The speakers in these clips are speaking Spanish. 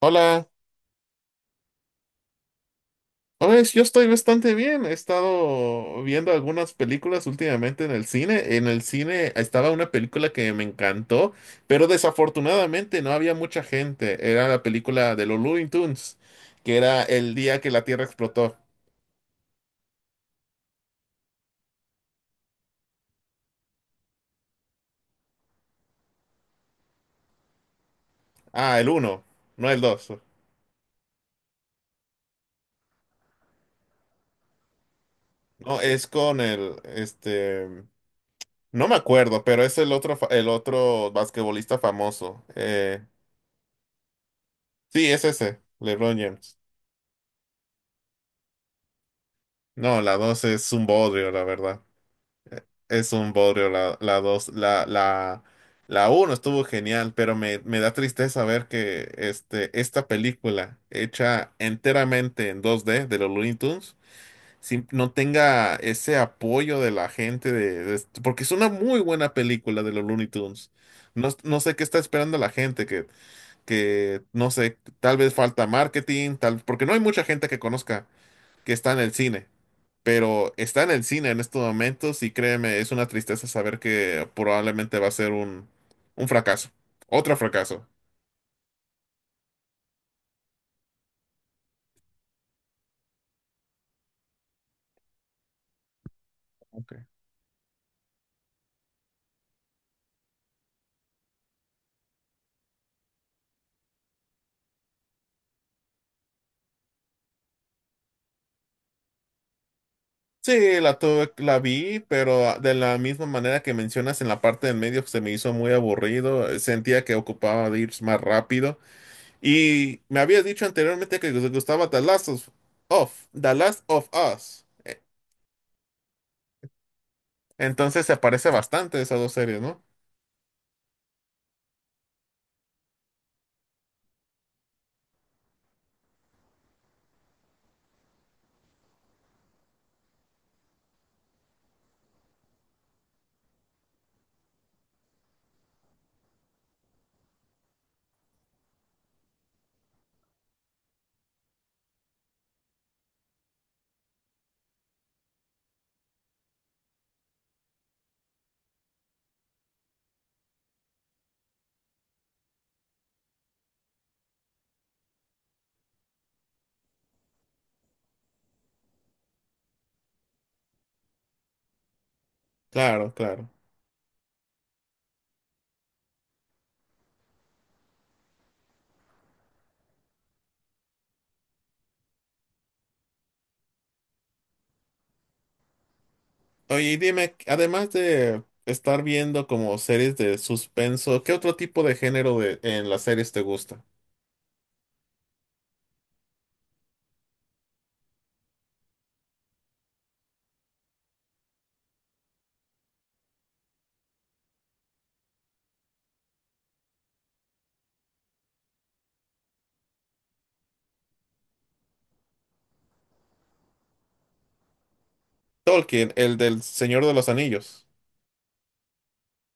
Hola, pues yo estoy bastante bien. He estado viendo algunas películas últimamente en el cine. En el cine estaba una película que me encantó, pero desafortunadamente no había mucha gente. Era la película de los Looney Tunes, que era el día que la Tierra explotó. Ah, el uno, no el 2. No, es con el, no me acuerdo, pero es el otro, el otro basquetbolista famoso. Sí, es ese, LeBron James. No, la 2 es un bodrio, la verdad. Es un bodrio la dos, la uno estuvo genial, pero me da tristeza ver que esta película hecha enteramente en dos d de los Looney Tunes no tenga ese apoyo de la gente porque es una muy buena película de los Looney Tunes. No, no sé qué está esperando la gente, que no sé, tal vez falta marketing, tal, porque no hay mucha gente que conozca que está en el cine, pero está en el cine en estos momentos y créeme, es una tristeza saber que probablemente va a ser un fracaso, otro fracaso. Okay. Sí, la tuve, la vi, pero ah, de la misma manera que mencionas en la parte del medio se me hizo muy aburrido, sentía que ocupaba de ir más rápido y me habías dicho anteriormente que te gustaba The Last of Us. Entonces se parece bastante a esas dos series, ¿no? Claro, claro. Oye, y dime, además de estar viendo como series de suspenso, ¿qué otro tipo de género de, en las series te gusta? Tolkien, el del Señor de los Anillos.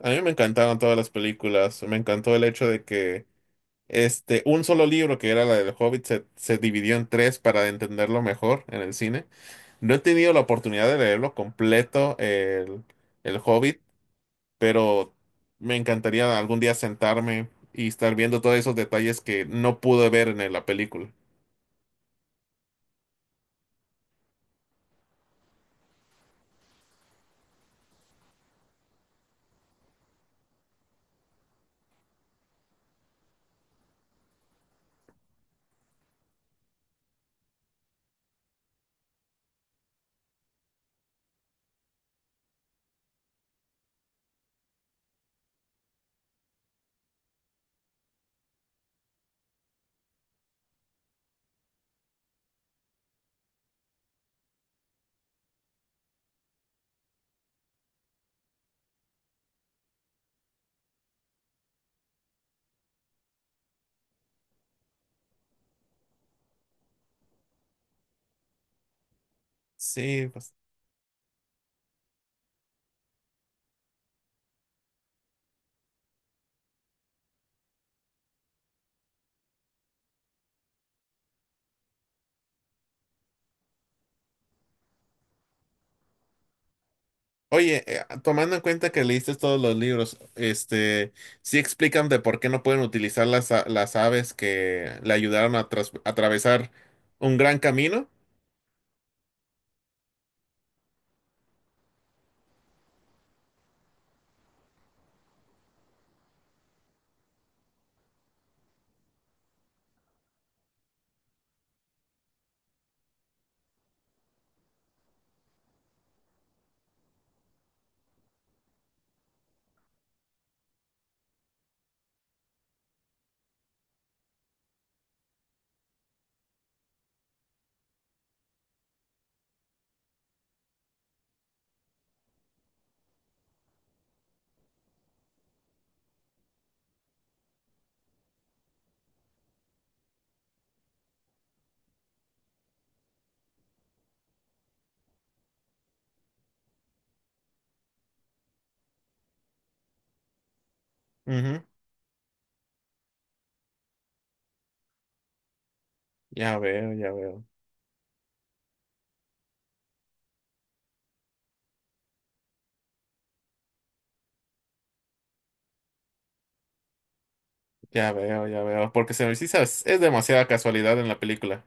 A mí me encantaron todas las películas. Me encantó el hecho de que un solo libro, que era la del Hobbit, se dividió en tres para entenderlo mejor en el cine. No he tenido la oportunidad de leerlo completo, el Hobbit, pero me encantaría algún día sentarme y estar viendo todos esos detalles que no pude ver en la película. Sí, pues. Oye, tomando en cuenta que leíste todos los libros, sí explican de por qué no pueden utilizar las aves que le ayudaron a atravesar un gran camino. Ujú. Ya veo, ya veo, ya veo, ya veo. Porque se me sí sabes, es demasiada casualidad en la película.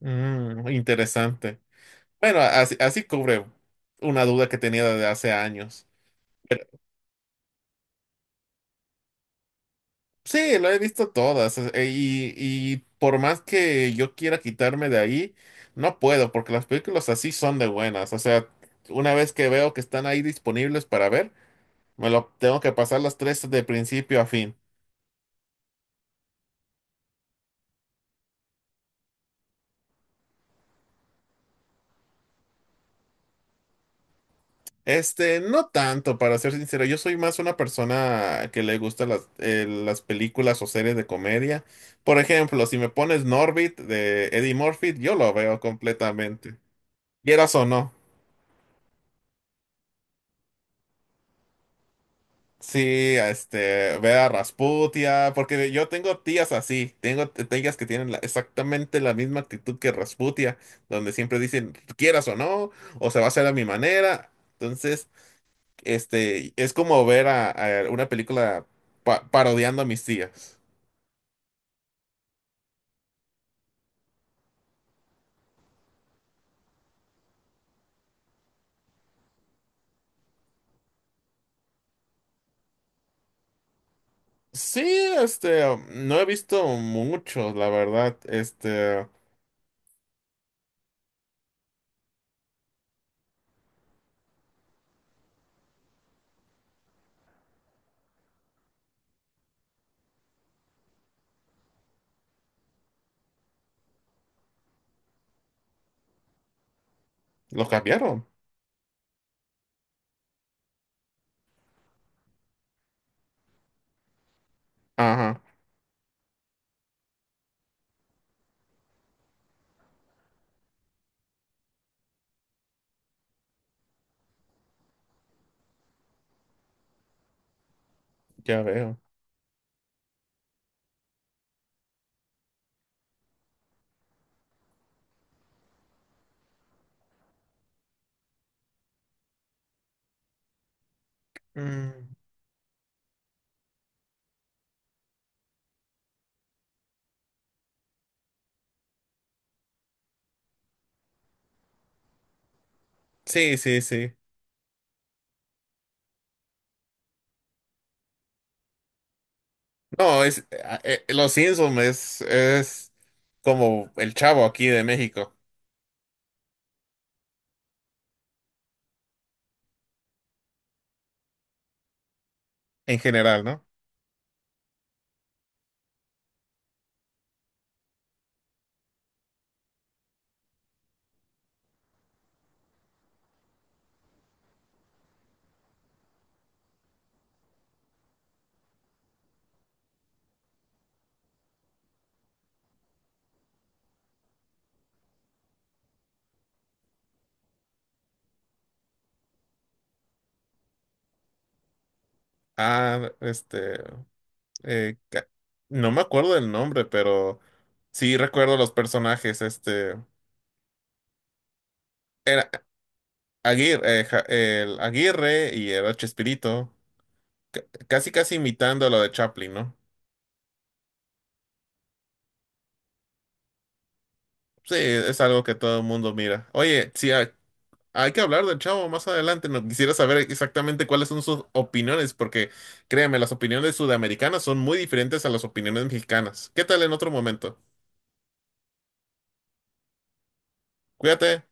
Mm, interesante. Bueno, así, así cubre una duda que tenía desde hace años. Sí, lo he visto todas y por más que yo quiera quitarme de ahí, no puedo porque las películas así son de buenas. O sea, una vez que veo que están ahí disponibles para ver, me lo tengo que pasar las tres de principio a fin. Este, no tanto, para ser sincero, yo soy más una persona que le gusta las películas o series de comedia. Por ejemplo, si me pones Norbit de Eddie Murphy, yo lo veo completamente, quieras o no. Sí, este, ve a Rasputia, porque yo tengo tías así, tengo tías que tienen exactamente la misma actitud que Rasputia, donde siempre dicen, quieras o no, o se va a hacer a mi manera. Entonces, este, es como ver a una película parodiando a mis tías. Sí, este, no he visto mucho, la verdad, este, lo cambiaron. Ajá, ya veo. Mm, sí, sí, sí. No, es Los Simpsons es como el chavo aquí de México en general, ¿no? Ah, eh, ca- no me acuerdo el nombre, pero sí recuerdo los personajes, este, era Aguirre, el Aguirre y era Chespirito, casi casi imitando lo de Chaplin, ¿no? Sí, es algo que todo el mundo mira. Oye, hay, hay que hablar del chavo más adelante, no quisiera saber exactamente cuáles son sus opiniones, porque créeme, las opiniones sudamericanas son muy diferentes a las opiniones mexicanas. ¿Qué tal en otro momento? Cuídate.